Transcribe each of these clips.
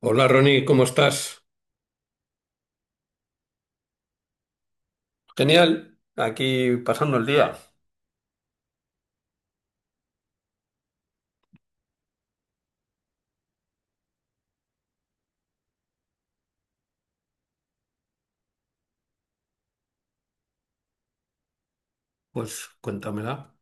Hola Ronnie, ¿cómo estás? Genial, aquí pasando el día. Pues cuéntamela.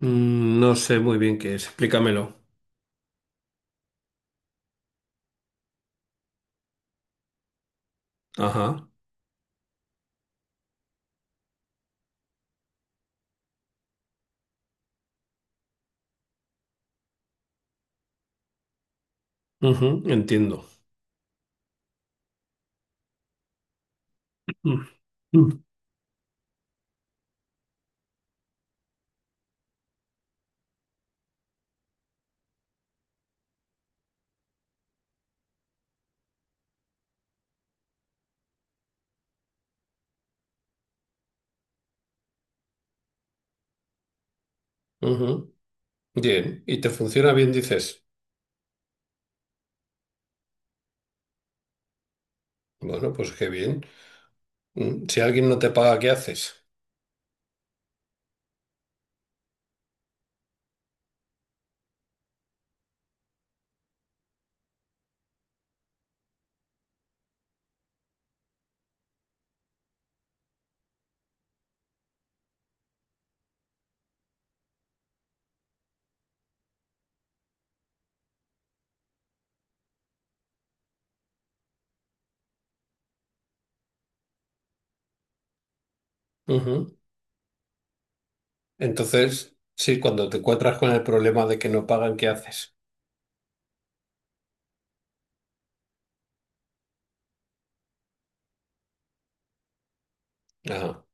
No sé muy bien qué es, explícamelo. Ajá, ujú, entiendo. Mm, mm, ujú. Bien, ¿y te funciona bien, dices? Bueno, pues qué bien. Mm. Si alguien no te paga, ¿qué haces? Ujú. Entonces, sí, cuando te encuentras con el problema de que no pagan, ¿qué haces? Ah,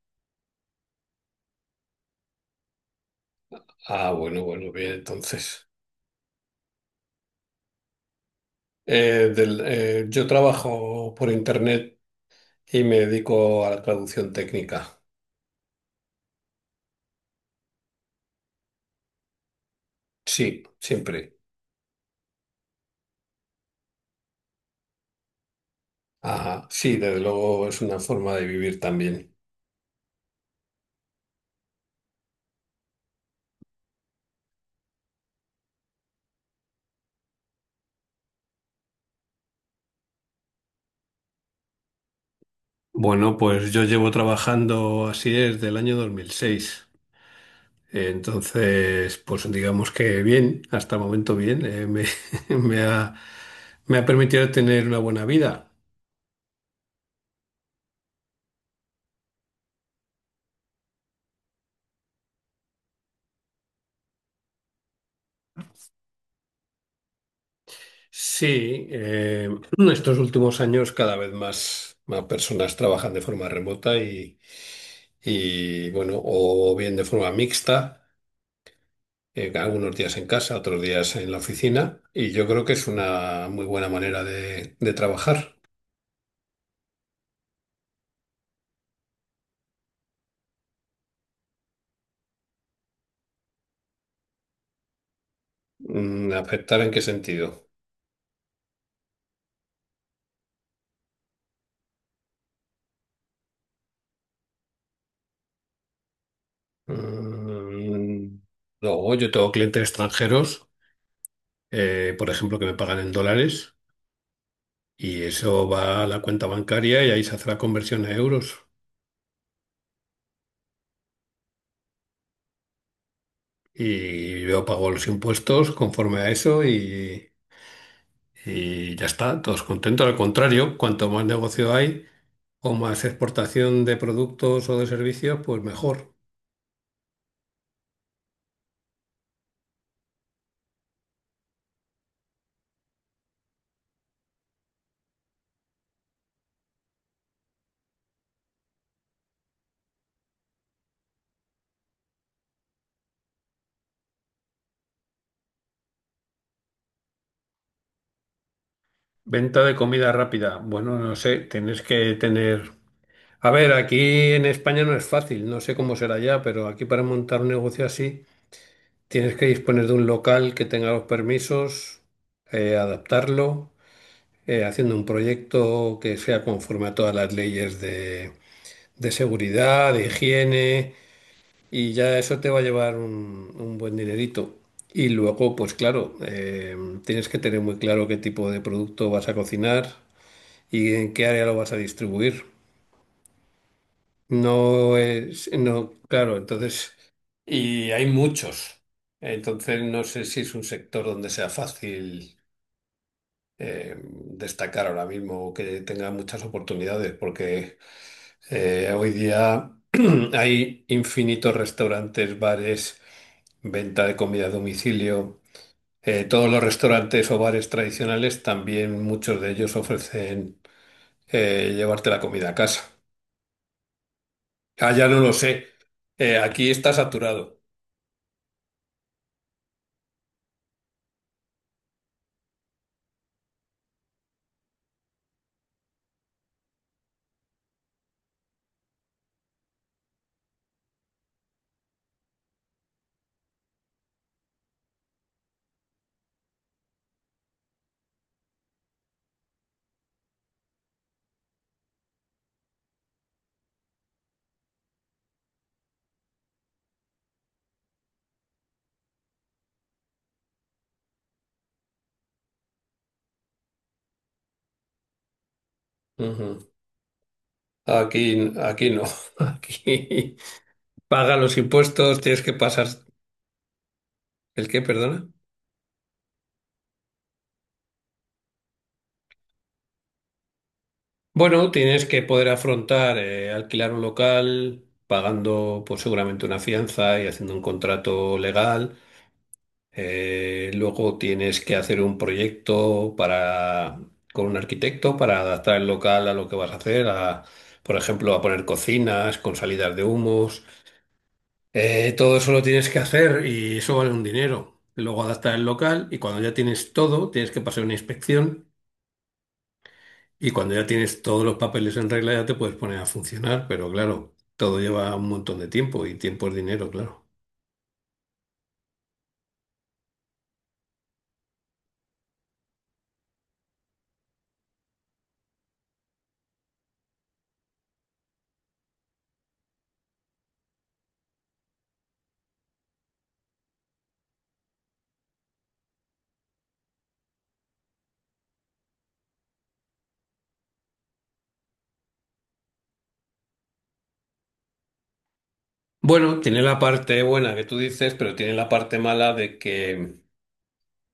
ah, bueno, bueno, bien, entonces. Yo trabajo por internet y me dedico a la traducción técnica. Sí, siempre. Ajá. Sí, desde luego es una forma de vivir también. Bueno, pues yo llevo trabajando así desde el año 2006. Entonces, pues digamos que bien, hasta el momento bien, me, me ha, me ha permitido tener una buena vida. Sí, estos últimos años cada vez más personas trabajan de forma remota y bueno, o bien de forma mixta. Eh, algunos días en casa, otros días en la oficina, y yo creo que es una muy buena manera de trabajar. Mm, ¿afectar en qué sentido? Mm, Luego yo tengo clientes extranjeros, por ejemplo, que me pagan en dólares, y eso va a la cuenta bancaria y ahí se hace la conversión a euros. Y yo pago los impuestos conforme a eso y ya está, todos contentos. Al contrario, cuanto más negocio hay, o más exportación de productos o de servicios, pues mejor. Venta de comida rápida. Bueno, no sé, tienes que tener... A ver, aquí en España no es fácil, no sé cómo será ya, pero aquí para montar un negocio así tienes que disponer de un local que tenga los permisos, adaptarlo, haciendo un proyecto que sea conforme a todas las leyes de seguridad, de higiene, y ya eso te va a llevar un buen dinerito. Y luego, pues claro, tienes que tener muy claro qué tipo de producto vas a cocinar y en qué área lo vas a distribuir. No es, no, claro, entonces, y hay muchos. Entonces, no sé si es un sector donde sea fácil destacar ahora mismo o que tenga muchas oportunidades, porque hoy día hay infinitos restaurantes, bares, venta de comida a domicilio. Todos los restaurantes o bares tradicionales también muchos de ellos ofrecen llevarte la comida a casa. Allá no lo sé. Aquí está saturado. Ujú. Aquí, aquí no. Aquí paga los impuestos, tienes que pasar. ¿El qué, perdona? Bueno, tienes que poder afrontar alquilar un local pagando pues seguramente una fianza y haciendo un contrato legal. Luego tienes que hacer un proyecto para con un arquitecto para adaptar el local a lo que vas a hacer, a, por ejemplo, a poner cocinas con salidas de humos. Todo eso lo tienes que hacer y eso vale un dinero. Luego adaptar el local y cuando ya tienes todo, tienes que pasar una inspección. Y cuando ya tienes todos los papeles en regla, ya te puedes poner a funcionar, pero claro, todo lleva un montón de tiempo y tiempo es dinero, claro. Bueno, tiene la parte buena que tú dices, pero tiene la parte mala de que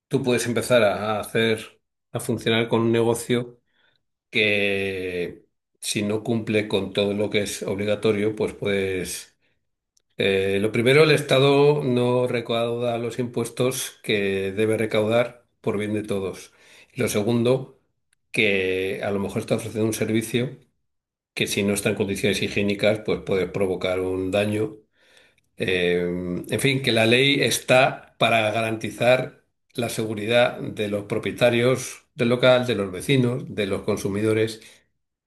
tú puedes empezar a hacer, a funcionar con un negocio que si no cumple con todo lo que es obligatorio, pues puedes. Lo primero, el Estado no recauda los impuestos que debe recaudar por bien de todos. Y lo segundo, que a lo mejor está ofreciendo un servicio que si no está en condiciones higiénicas, pues puede provocar un daño. En fin, que la ley está para garantizar la seguridad de los propietarios del local, de los vecinos, de los consumidores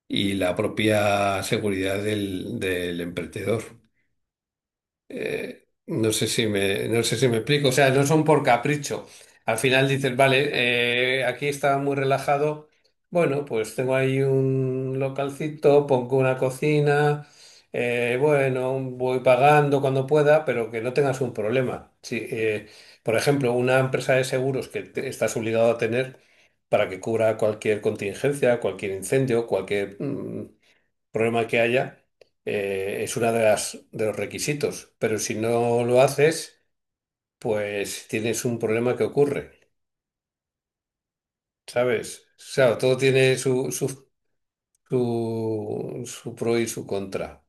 y la propia seguridad del, del emprendedor. No sé si me, no sé si me explico. O sea, no son por capricho. Al final dices, vale, aquí está muy relajado. Bueno, pues tengo ahí un localcito, pongo una cocina. Eh, bueno, voy pagando cuando pueda, pero que no tengas un problema. Si, por ejemplo, una empresa de seguros que te- estás obligado a tener para que cubra cualquier contingencia, cualquier incendio, cualquier problema que haya, es una de las de los requisitos. Pero si no lo haces, pues tienes un problema que ocurre, ¿sabes? Claro, todo tiene su, su, su, su pro y su contra.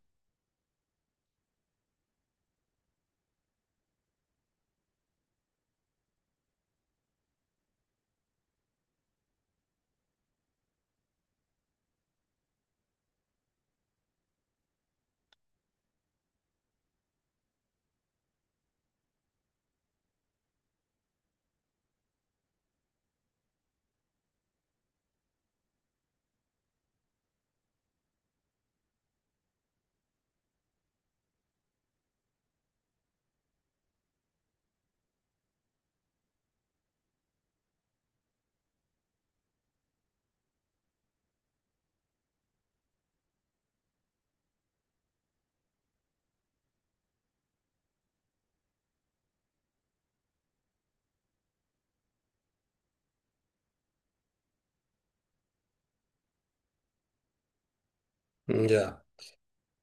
Ya.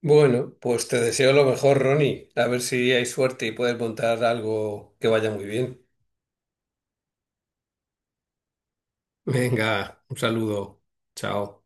Bueno, pues te deseo lo mejor, Ronnie. A ver si hay suerte y puedes montar algo que vaya muy bien. Venga, un saludo. Chao.